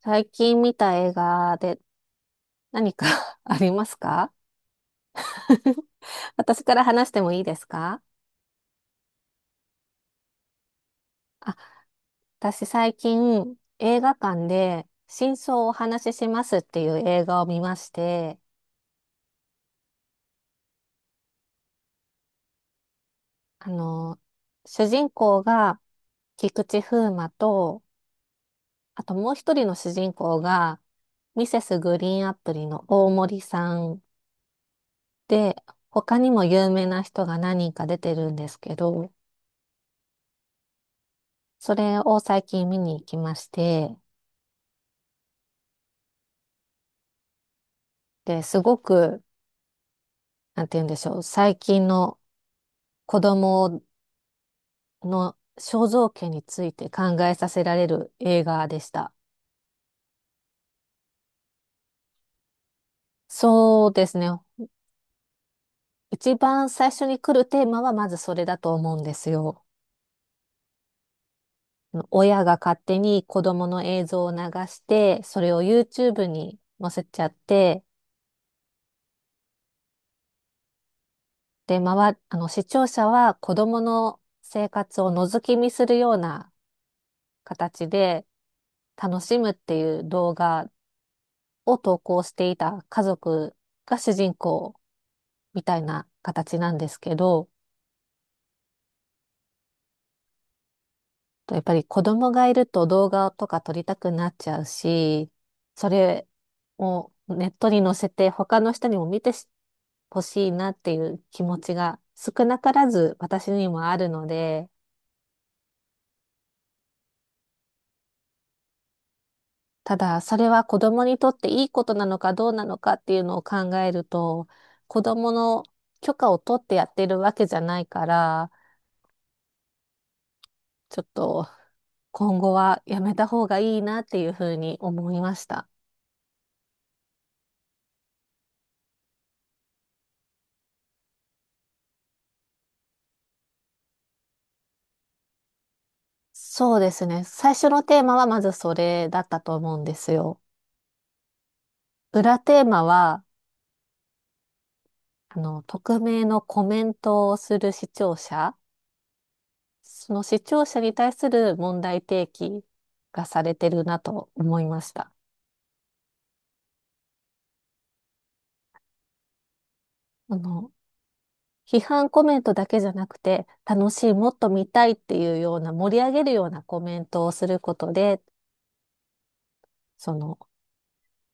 最近見た映画で何か ありますか？ 私から話してもいいですか？あ、私最近映画館で真相をお話ししますっていう映画を見まして、あの、主人公が菊池風磨と、あともう一人の主人公がミセスグリーンアプリの大森さんで、他にも有名な人が何人か出てるんですけど、それを最近見に行きまして、で、すごく、なんて言うんでしょう、最近の子供の肖像権について考えさせられる映画でした。そうですね。一番最初に来るテーマはまずそれだと思うんですよ。親が勝手に子供の映像を流して、それを YouTube に載せちゃって、で、まわ、あの、視聴者は子供の生活を覗き見するような形で楽しむっていう動画を投稿していた家族が主人公みたいな形なんですけど、やっぱり子供がいると動画とか撮りたくなっちゃうし、それをネットに載せて他の人にも見てほしいなっていう気持ちが少なからず私にもあるので、ただそれは子供にとっていいことなのかどうなのかっていうのを考えると、子供の許可を取ってやってるわけじゃないから、ちょっと今後はやめた方がいいなっていうふうに思いました。そうですね。最初のテーマはまずそれだったと思うんですよ。裏テーマは、匿名のコメントをする視聴者、その視聴者に対する問題提起がされてるなと思いました。あの、批判コメントだけじゃなくて、楽しい、もっと見たいっていうような盛り上げるようなコメントをすることで、その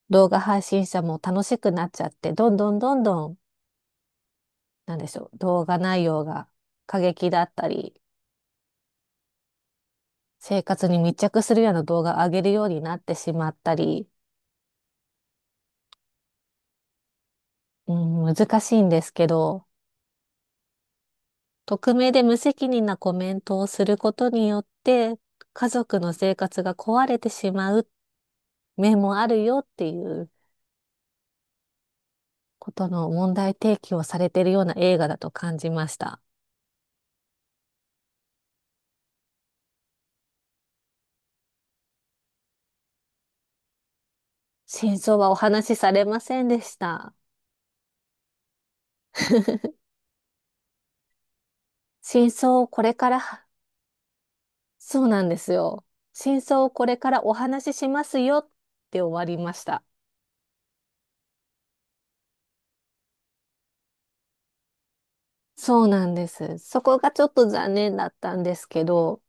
動画配信者も楽しくなっちゃって、どんどんどんどん、なんでしょう、動画内容が過激だったり、生活に密着するような動画を上げるようになってしまったり、うん、難しいんですけど、匿名で無責任なコメントをすることによって、家族の生活が壊れてしまう面もあるよっていうことの問題提起をされているような映画だと感じました。真相はお話しされませんでした。真相をこれからそうなんですよ。真相をこれからお話ししますよって終わりました。そうなんです。そこがちょっと残念だったんですけど、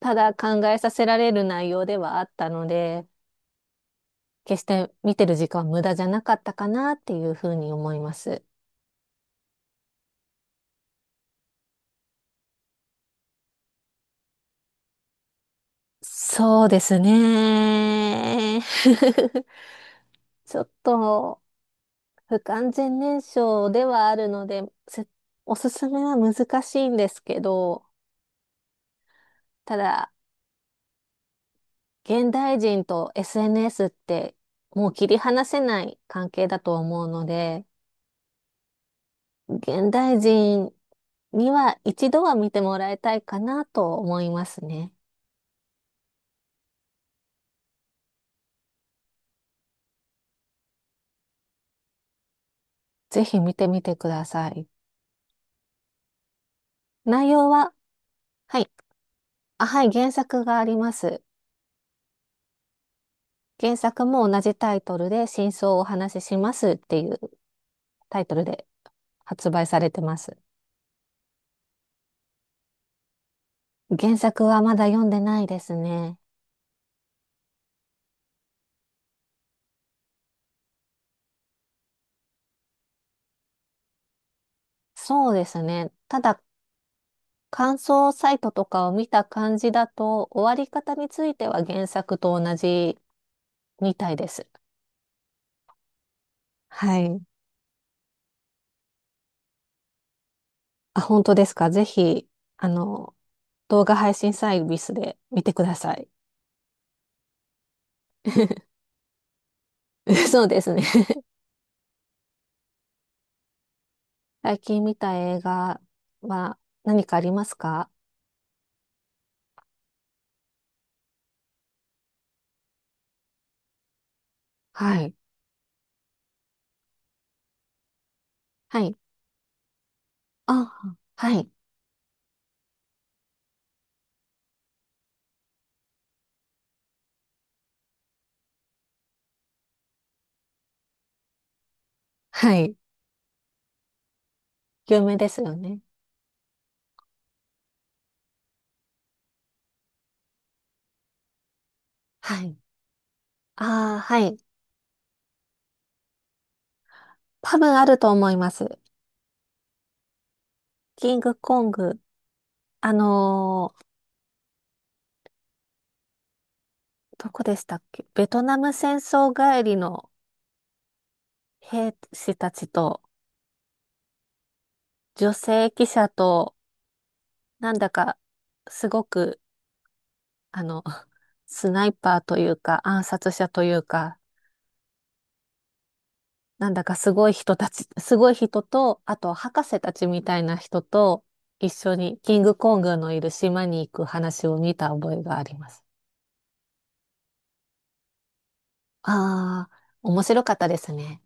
ただ考えさせられる内容ではあったので、決して見てる時間は無駄じゃなかったかなっていうふうに思います。そうですね。ちょっと不完全燃焼ではあるので、すおすすめは難しいんですけど、ただ、現代人と SNS ってもう切り離せない関係だと思うので、現代人には一度は見てもらいたいかなと思いますね。ぜひ見てみてください。内容は、はい。あ、はい、原作があります。原作も同じタイトルで真相をお話ししますっていうタイトルで発売されてます。原作はまだ読んでないですね。そうですね。ただ感想サイトとかを見た感じだと、終わり方については原作と同じみたいです。はい。あ、本当ですか。ぜひ、あの、動画配信サービスで見てください。そうですね。最近見た映画は何かありますか？はい。はい。あ、はい。はい。有名ですよね。はい。ああ、はい。多分あると思います。キングコング。あのーどこでしたっけ？ベトナム戦争帰りの兵士たちと女性記者と、なんだかすごく、あの、スナイパーというか暗殺者というか、なんだかすごい人たち、すごい人と、あと博士たちみたいな人と一緒にキングコングのいる島に行く話を見た覚えがあります。ああ、面白かったですね。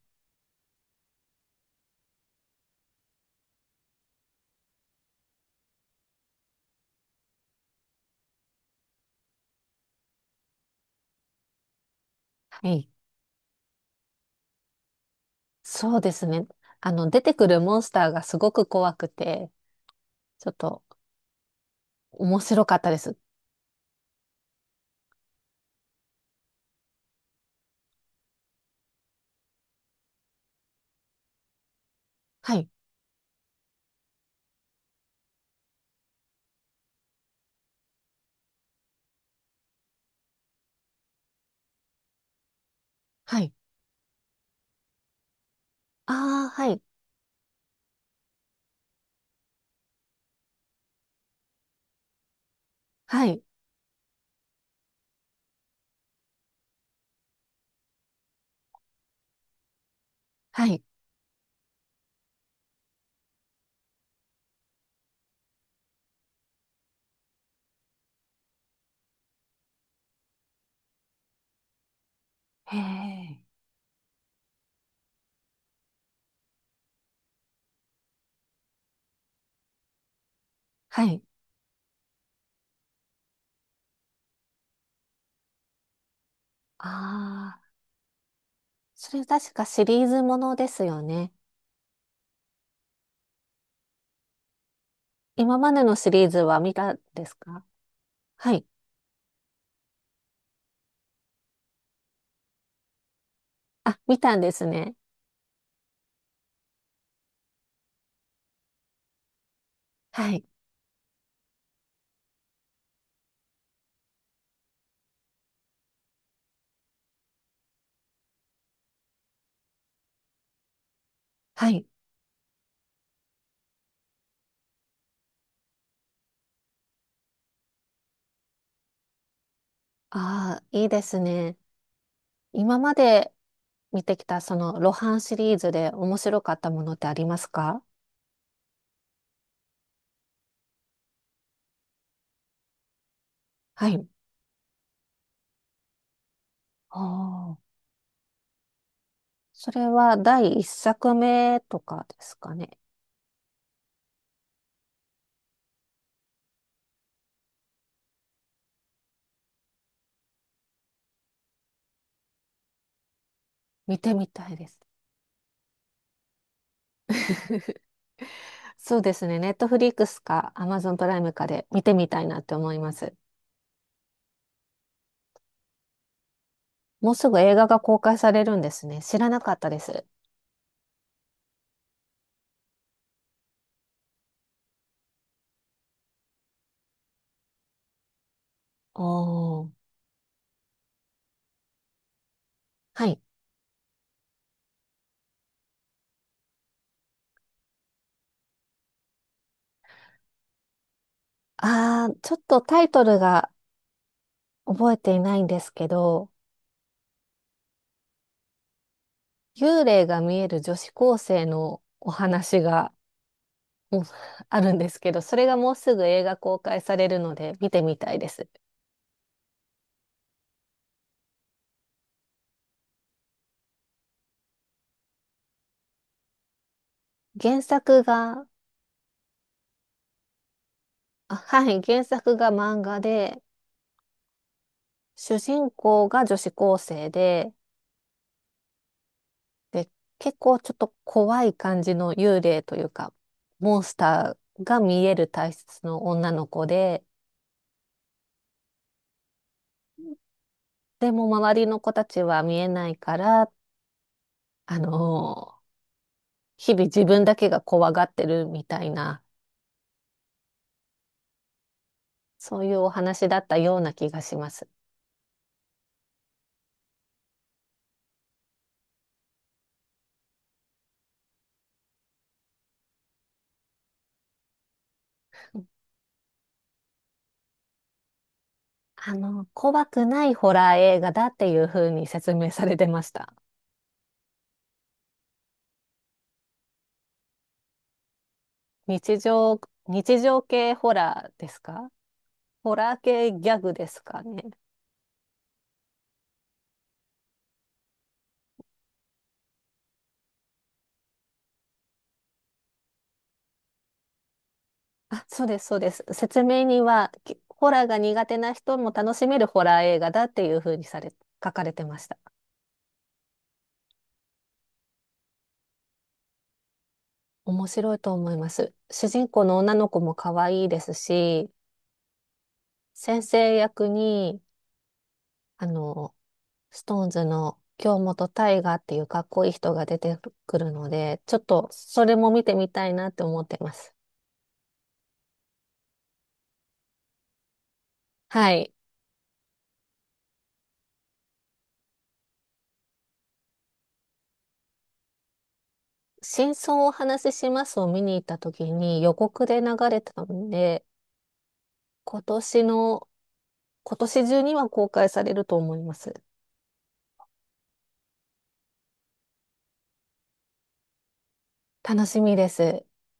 はい。そうですね。出てくるモンスターがすごく怖くて、ちょっと面白かったです。はい。はい。ああ、はい。はい。はい。へえ。はい。ああ、それ確かシリーズものですよね。今までのシリーズは見たんですか？はい。あ、見たんですね。はい。はい。ああ、いいですね。今まで見てきたその露伴シリーズで面白かったものってありますか？はい。ああ、それは第一作目とかですかね？見てみたいです。そうですね。ネットフリックスかアマゾンプライムかで見てみたいなって思います。もうすぐ映画が公開されるんですね。知らなかったです。おー。はい。あー、ちょっとタイトルが覚えていないんですけど、幽霊が見える女子高生のお話が、うんあるんですけど、それがもうすぐ映画公開されるので見てみたいです。原作が、あ、はい、原作が漫画で、主人公が女子高生で、で、結構ちょっと怖い感じの幽霊というか、モンスターが見える体質の女の子で、でも周りの子たちは見えないから、あのー日々自分だけが怖がってるみたいな、そういうお話だったような気がします。怖くないホラー映画だっていう風に説明されてました。日常、日常系ホラーですか？ホラー系ギャグですかね？あ、そうです、そうです。説明には、ホラーが苦手な人も楽しめるホラー映画だっていう風にされ、書かれてました。面白いと思います。主人公の女の子も可愛いですし、先生役に、あの、ストーンズの京本大我っていうかっこいい人が出てくるので、ちょっとそれも見てみたいなって思ってます。はい。真相をお話ししますを見に行った時に予告で流れたので、今年の今年中には公開されると思います。楽しみです。